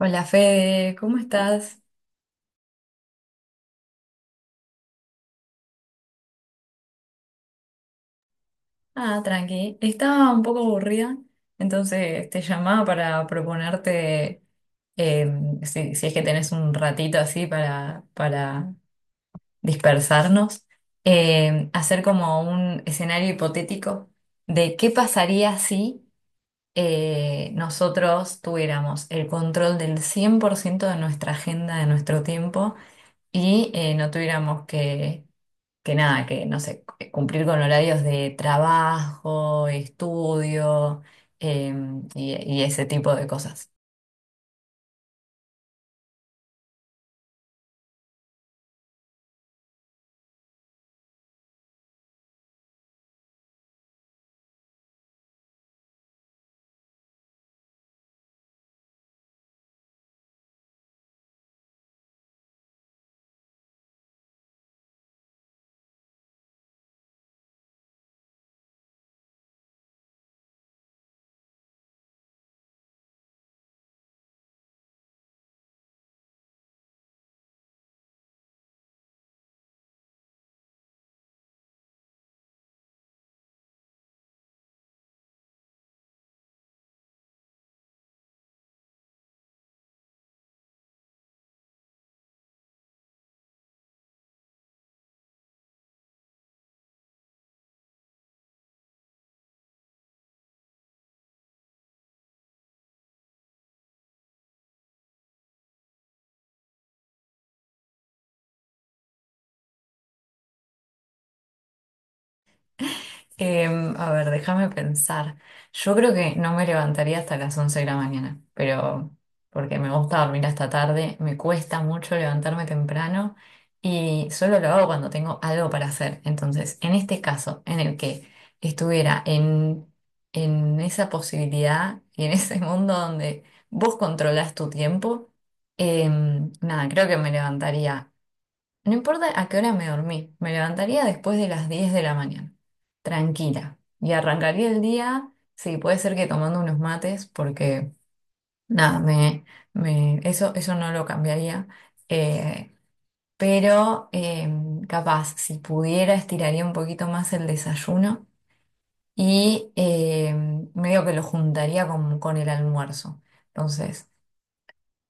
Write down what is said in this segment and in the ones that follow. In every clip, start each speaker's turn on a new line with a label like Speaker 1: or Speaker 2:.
Speaker 1: Hola Fede, ¿cómo estás? Ah, tranqui. Estaba un poco aburrida, entonces te llamaba para proponerte eh, si es que tenés un ratito así para dispersarnos, hacer como un escenario hipotético de qué pasaría si nosotros tuviéramos el control del 100% de nuestra agenda, de nuestro tiempo y no tuviéramos que nada, que no sé, cumplir con horarios de trabajo, estudio, em, y, y ese tipo de cosas. A ver, déjame pensar. Yo creo que no me levantaría hasta las 11 de la mañana, pero porque me gusta dormir hasta tarde, me cuesta mucho levantarme temprano y solo lo hago cuando tengo algo para hacer. Entonces, en este caso, en el que estuviera en esa posibilidad y en ese mundo donde vos controlás tu tiempo, nada, creo que me levantaría no importa a qué hora me dormí, me levantaría después de las 10 de la mañana, tranquila, y arrancaría el día, sí, puede ser que tomando unos mates, porque nada, eso, eso no lo cambiaría, eh, pero capaz, si pudiera, estiraría un poquito más el desayuno y medio que lo juntaría con el almuerzo. Entonces,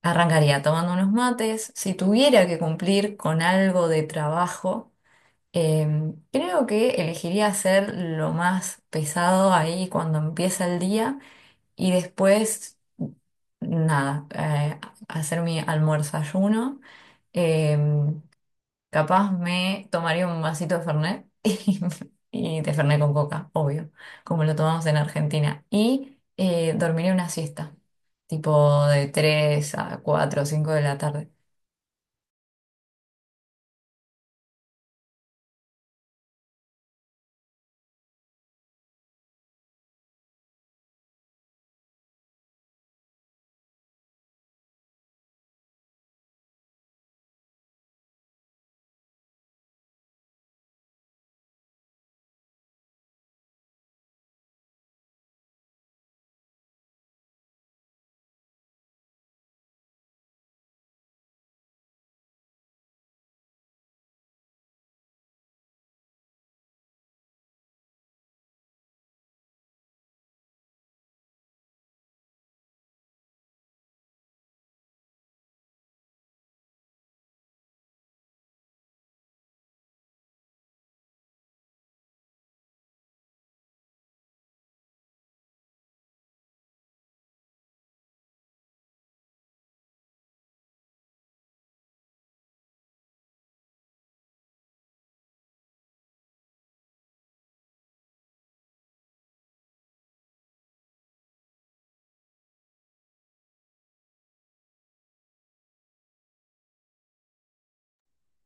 Speaker 1: arrancaría tomando unos mates, si tuviera que cumplir con algo de trabajo. Eh, Creo que elegiría hacer lo más pesado ahí cuando empieza el día y después, nada, hacer mi almuerzo-ayuno. Eh, Capaz me tomaría un vasito de Fernet y de Fernet con coca, obvio, como lo tomamos en Argentina. Y dormiría una siesta, tipo de 3 a 4 o 5 de la tarde.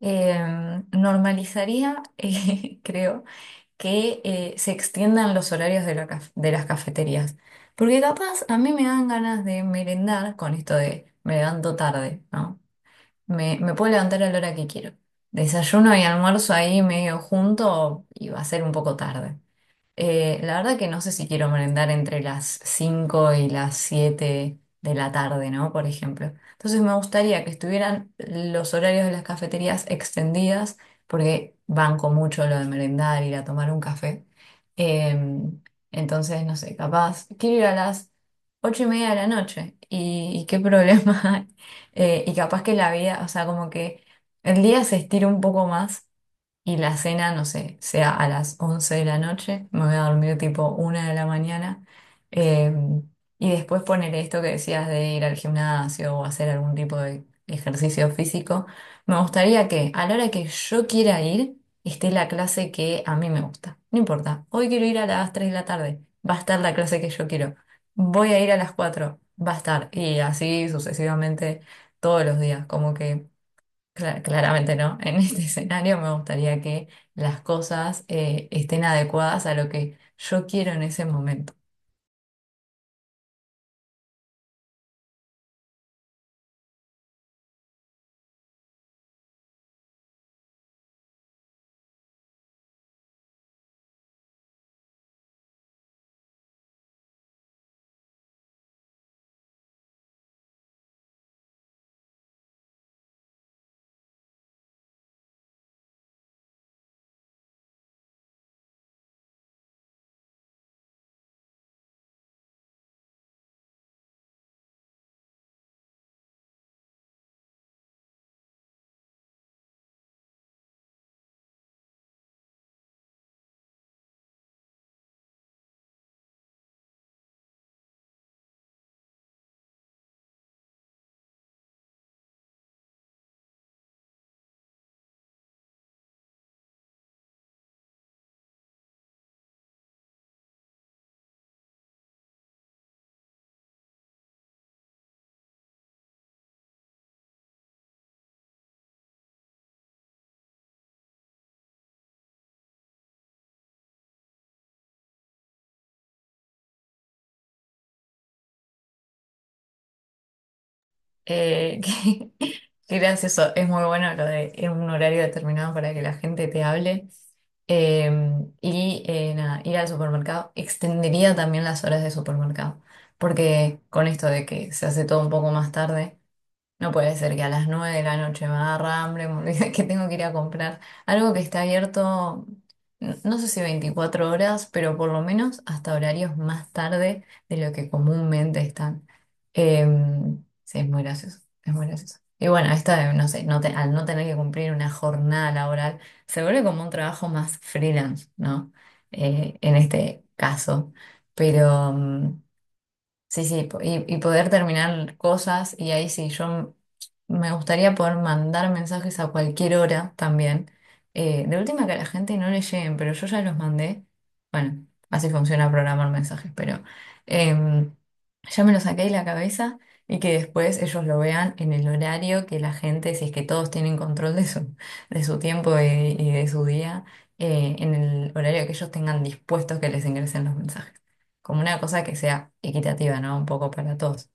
Speaker 1: Normalizaría, creo que se extiendan los horarios de las cafeterías. Porque capaz a mí me dan ganas de merendar con esto de me levanto tarde, ¿no? Me puedo levantar a la hora que quiero. Desayuno y almuerzo ahí medio junto y va a ser un poco tarde. La verdad que no sé si quiero merendar entre las 5 y las 7 de la tarde, ¿no? Por ejemplo. Entonces me gustaría que estuvieran los horarios de las cafeterías extendidas, porque banco mucho lo de merendar, ir a tomar un café. Em, entonces, no sé, capaz, quiero ir a las 8:30 de la noche. ¿Y qué problema hay? Y capaz que la vida, o sea, como que el día se estira un poco más y la cena, no sé, sea a las 11 de la noche, me voy a dormir tipo 1 de la mañana, eh, y después poner esto que decías de ir al gimnasio o hacer algún tipo de ejercicio físico, me gustaría que a la hora que yo quiera ir, esté la clase que a mí me gusta. No importa, hoy quiero ir a las 3 de la tarde, va a estar la clase que yo quiero, voy a ir a las 4 va a estar, y así sucesivamente todos los días, como que. Claramente no. En este escenario me gustaría que las cosas estén adecuadas a lo que yo quiero en ese momento. Eh, que- Qué gracioso. Es muy bueno lo de en un horario determinado para que la gente te hable. Eh, nada, ir al supermercado. Extendería también las horas de supermercado. Porque con esto de que se hace todo un poco más tarde. No puede ser que a las 9 de la noche me agarra hambre, me olvide que tengo que ir a comprar algo que está abierto, no sé si 24 horas, pero por lo menos hasta horarios más tarde de lo que comúnmente están. Sí, es muy gracioso, es muy gracioso. Y bueno, esta de, no sé, al no tener que cumplir una jornada laboral, se vuelve como un trabajo más freelance, ¿no? En este caso. Pero. Sí, sí, y poder terminar cosas y ahí sí, yo me gustaría poder mandar mensajes a cualquier hora también. De última que a la gente no le lleguen, pero yo ya los mandé. Bueno, así funciona programar mensajes, pero em, ya me lo saqué de la cabeza y que después ellos lo vean en el horario que la gente, si es que todos tienen control de su tiempo y de su día, en el horario que ellos tengan dispuestos que les ingresen los mensajes como una cosa que sea equitativa, ¿no? Un poco para todos.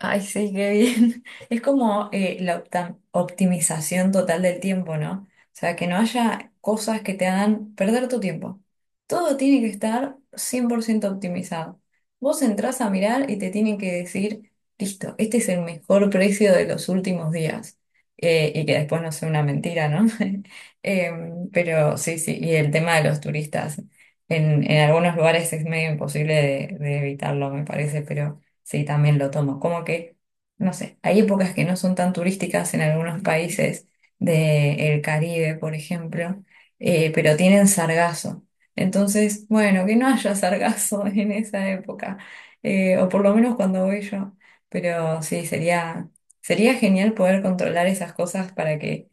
Speaker 1: Ay, sí, qué bien. Es como la optimización total del tiempo, ¿no? O sea, que no haya cosas que te hagan perder tu tiempo. Todo tiene que estar 100% optimizado. Vos entrás a mirar y te tienen que decir, listo, este es el mejor precio de los últimos días. Y que después no sea una mentira, ¿no? Pero sí, sí, y el tema de los turistas. En algunos lugares es medio imposible de evitarlo, me parece, pero. Sí, también lo tomo. Como que, no sé, hay épocas que no son tan turísticas en algunos países del Caribe, por ejemplo, pero tienen sargazo. Entonces, bueno, que no haya sargazo en esa época, o por lo menos cuando voy yo. Pero sí, sería genial poder controlar esas cosas para que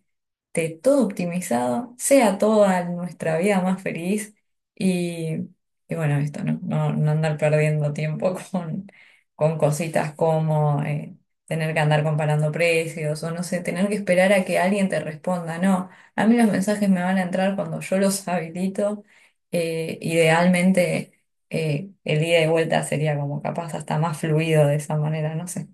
Speaker 1: esté todo optimizado, sea toda nuestra vida más feliz y, y bueno, esto, ¿no? No, no andar perdiendo tiempo con cositas como tener que andar comparando precios o no sé, tener que esperar a que alguien te responda. No, a mí los mensajes me van a entrar cuando yo los habilito. Idealmente el ida y vuelta sería como capaz hasta más fluido de esa manera, no sé.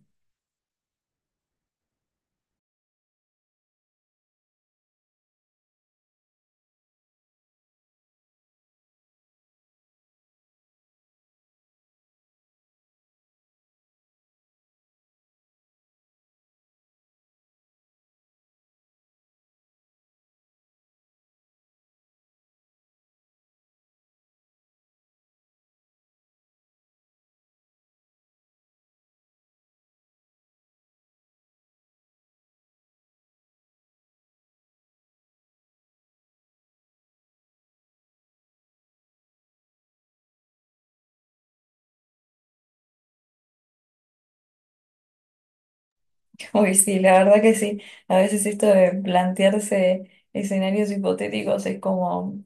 Speaker 1: Uy, sí, la verdad que sí. A veces esto de plantearse escenarios hipotéticos es como,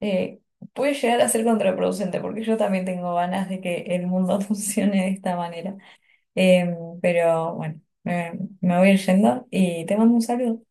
Speaker 1: eh, puede llegar a ser contraproducente, porque yo también tengo ganas de que el mundo funcione de esta manera. Pero bueno, me voy a ir yendo y te mando un saludo.